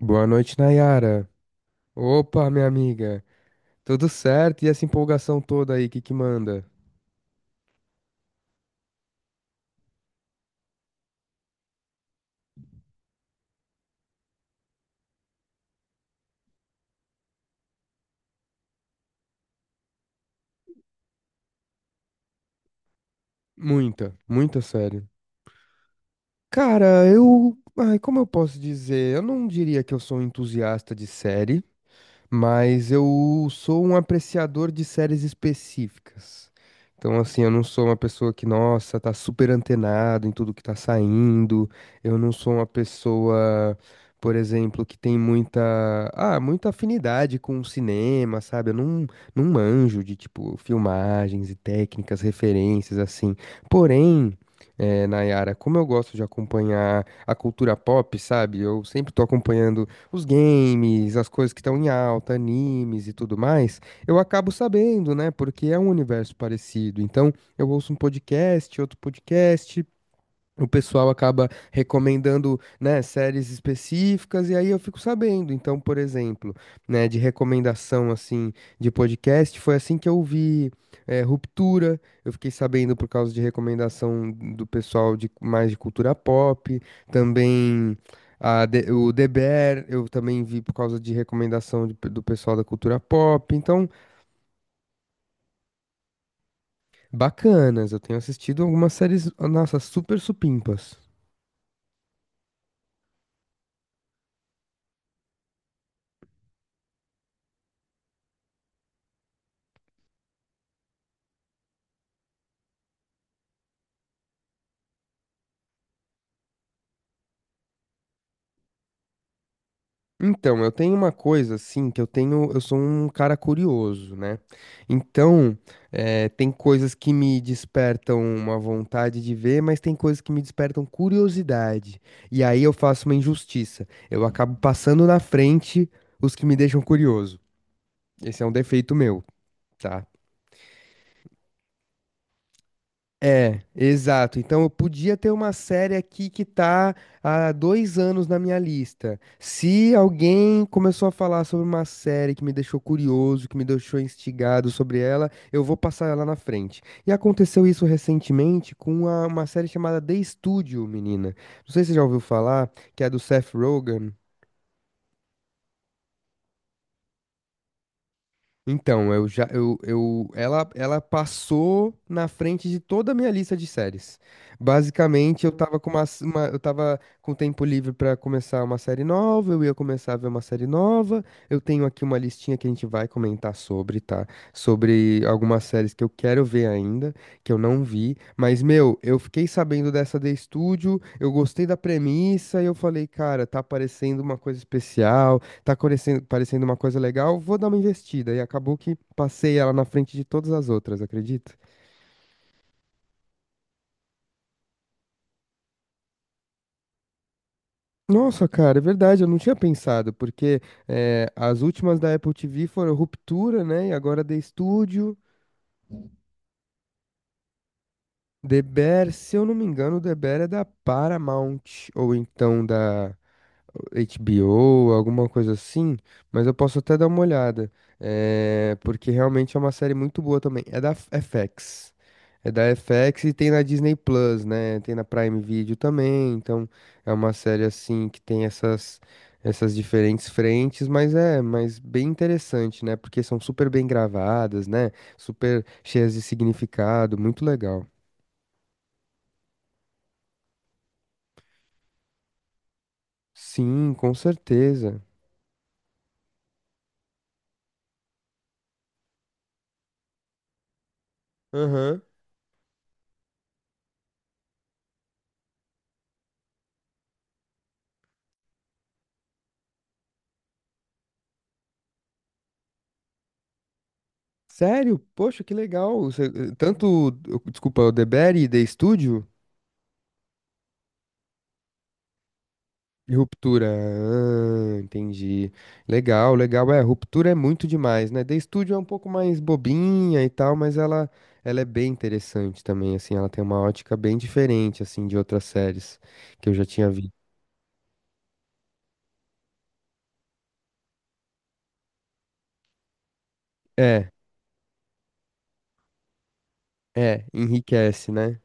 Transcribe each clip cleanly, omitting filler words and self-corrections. Boa noite, Nayara. Opa, minha amiga. Tudo certo? E essa empolgação toda aí, que manda? Muita, muita, sério. Cara, eu. Ai, como eu posso dizer? Eu não diria que eu sou um entusiasta de série, mas eu sou um apreciador de séries específicas. Então, assim, eu não sou uma pessoa que, nossa, tá super antenado em tudo que tá saindo. Eu não sou uma pessoa, por exemplo, que tem muita, muita afinidade com o cinema, sabe? Eu não, não manjo de, tipo, filmagens e técnicas, referências, assim. Porém, Nayara, como eu gosto de acompanhar a cultura pop, sabe? Eu sempre tô acompanhando os games, as coisas que estão em alta, animes e tudo mais, eu acabo sabendo, né? Porque é um universo parecido. Então, eu ouço um podcast, outro podcast, o pessoal acaba recomendando, né, séries específicas e aí eu fico sabendo. Então, por exemplo, né, de recomendação assim de podcast, foi assim que eu vi Ruptura, eu fiquei sabendo por causa de recomendação do pessoal de mais de cultura pop, também o The Bear, eu também vi por causa de recomendação do pessoal da cultura pop. Então, bacanas, eu tenho assistido algumas séries, nossa, super supimpas. Então, eu tenho uma coisa assim, que eu tenho, eu sou um cara curioso, né? Então, tem coisas que me despertam uma vontade de ver, mas tem coisas que me despertam curiosidade. E aí eu faço uma injustiça. Eu acabo passando na frente os que me deixam curioso. Esse é um defeito meu, tá? É, exato. Então eu podia ter uma série aqui que tá há dois anos na minha lista. Se alguém começou a falar sobre uma série que me deixou curioso, que me deixou instigado sobre ela, eu vou passar ela na frente. E aconteceu isso recentemente com uma série chamada The Studio, menina. Não sei se você já ouviu falar, que é do Seth Rogen. Então, eu ela passou na frente de toda a minha lista de séries. Basicamente, eu tava com tempo livre pra começar uma série nova, eu ia começar a ver uma série nova. Eu tenho aqui uma listinha que a gente vai comentar sobre, tá? Sobre algumas séries que eu quero ver ainda, que eu não vi, mas meu, eu fiquei sabendo dessa The Studio, eu gostei da premissa e eu falei, cara, tá parecendo uma coisa especial, tá parecendo uma coisa legal, vou dar uma investida. E acabou que passei ela na frente de todas as outras, acredita? Nossa, cara, é verdade, eu não tinha pensado, porque as últimas da Apple TV foram Ruptura, né? E agora The Studio, The Bear, se eu não me engano, o The Bear é da Paramount, ou então da HBO, alguma coisa assim, mas eu posso até dar uma olhada, é, porque realmente é uma série muito boa também. É da FX. É da FX e tem na Disney Plus, né? Tem na Prime Video também, então é uma série assim que tem essas diferentes frentes, mas é, mas bem interessante, né? Porque são super bem gravadas, né? Super cheias de significado, muito legal. Sim, com certeza. Aham. Sério? Poxa, que legal. Você- Tanto, desculpa, o DeBerry, The Studio e Ruptura. Ah, entendi. Legal, legal. É, Ruptura é muito demais, né? The Studio é um pouco mais bobinha e tal, mas ela é bem interessante também, assim. Ela tem uma ótica bem diferente, assim, de outras séries que eu já tinha visto. É, é, enriquece, né?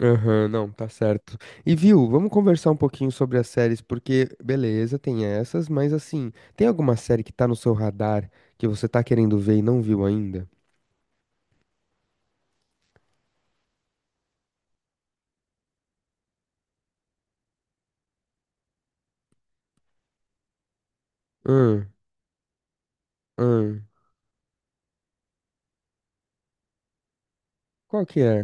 Aham, não, tá certo. E viu, vamos conversar um pouquinho sobre as séries, porque beleza, tem essas, mas assim, tem alguma série que tá no seu radar que você tá querendo ver e não viu ainda? Hum, hum, qual que é?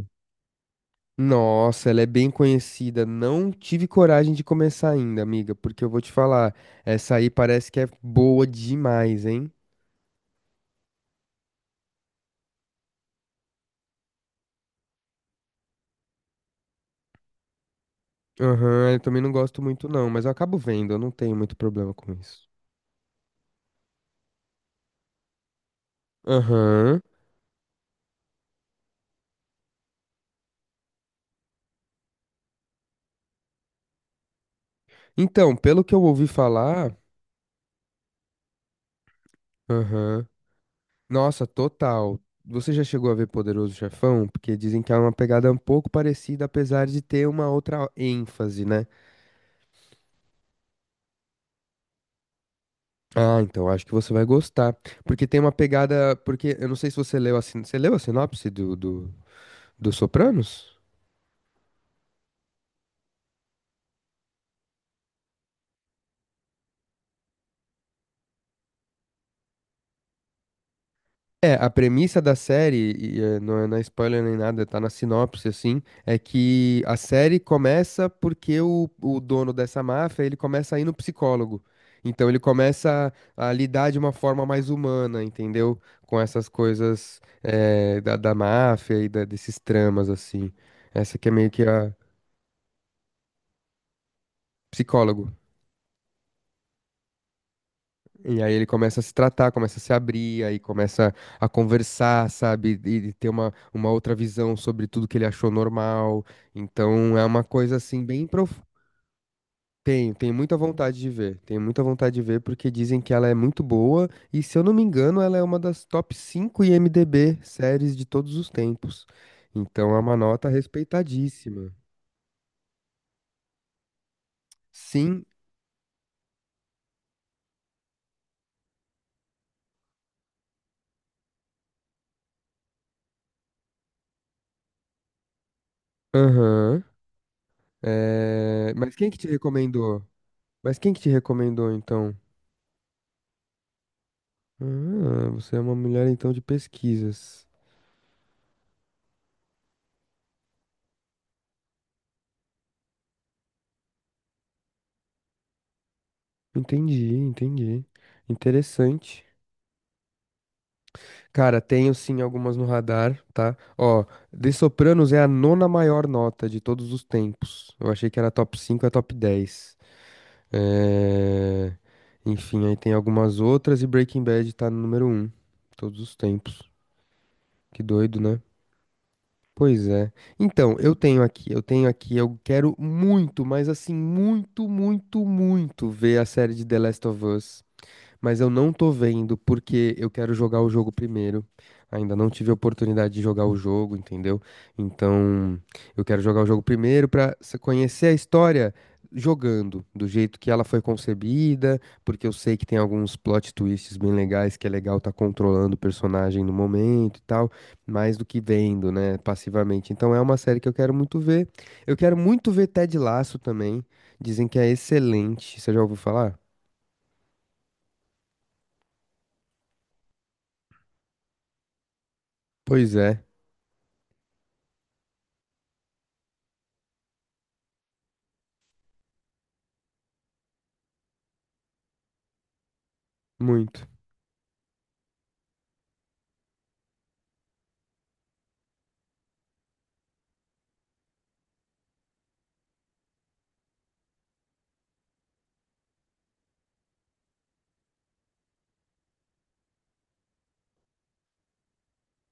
Nossa, ela é bem conhecida. Não tive coragem de começar ainda, amiga, porque eu vou te falar, essa aí parece que é boa demais, hein? Aham, eu também não gosto muito não, mas eu acabo vendo, eu não tenho muito problema com isso. Aham. Então, pelo que eu ouvi falar. Aham. Nossa, total. Você já chegou a ver Poderoso Chefão? Porque dizem que é uma pegada um pouco parecida, apesar de ter uma outra ênfase, né? Ah, então acho que você vai gostar. Porque tem uma pegada. Porque eu não sei se você leu a, sin... você leu a sinopse do Sopranos? É, a premissa da série, e, não é na spoiler nem nada, tá na sinopse, assim, é que a série começa porque o dono dessa máfia, ele começa a ir no psicólogo. Então ele começa a lidar de uma forma mais humana, entendeu? Com essas coisas da máfia e desses tramas, assim. Essa que é meio que a psicólogo. E aí ele começa a se tratar, começa a se abrir, aí começa a conversar, sabe? E ter uma outra visão sobre tudo que ele achou normal. Então é uma coisa assim bem profunda. Tenho, tenho muita vontade de ver. Tenho muita vontade de ver porque dizem que ela é muito boa e se eu não me engano, ela é uma das top 5 IMDb séries de todos os tempos. Então é uma nota respeitadíssima. Sim, aham. É, mas quem que te recomendou? Mas quem que te recomendou então? Ah, você é uma mulher então de pesquisas. Entendi, entendi. Interessante. Cara, tenho sim algumas no radar, tá? Ó, The Sopranos é a nona maior nota de todos os tempos. Eu achei que era top 5, é top 10. É... Enfim, aí tem algumas outras e Breaking Bad tá no número um todos os tempos. Que doido, né? Pois é. Então, eu tenho aqui, eu quero muito, mas assim, muito, muito, muito ver a série de The Last of Us, mas eu não tô vendo porque eu quero jogar o jogo primeiro. Ainda não tive a oportunidade de jogar o jogo, entendeu? Então, eu quero jogar o jogo primeiro para conhecer a história jogando, do jeito que ela foi concebida, porque eu sei que tem alguns plot twists bem legais, que é legal estar controlando o personagem no momento e tal, mais do que vendo, né, passivamente. Então, é uma série que eu quero muito ver. Eu quero muito ver Ted Lasso também. Dizem que é excelente. Você já ouviu falar? Pois é, muito.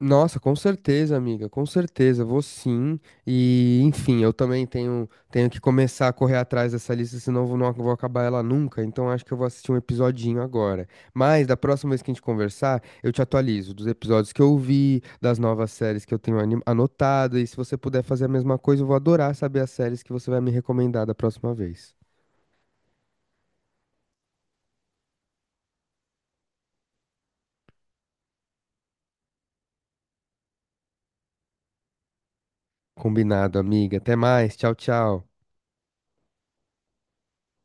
Nossa, com certeza, amiga, com certeza, vou sim. E, enfim, eu também tenho, tenho que começar a correr atrás dessa lista, senão não vou acabar ela nunca. Então acho que eu vou assistir um episodinho agora. Mas da próxima vez que a gente conversar, eu te atualizo dos episódios que eu vi, das novas séries que eu tenho anotado. E se você puder fazer a mesma coisa, eu vou adorar saber as séries que você vai me recomendar da próxima vez. Combinado, amiga. Até mais. Tchau, tchau.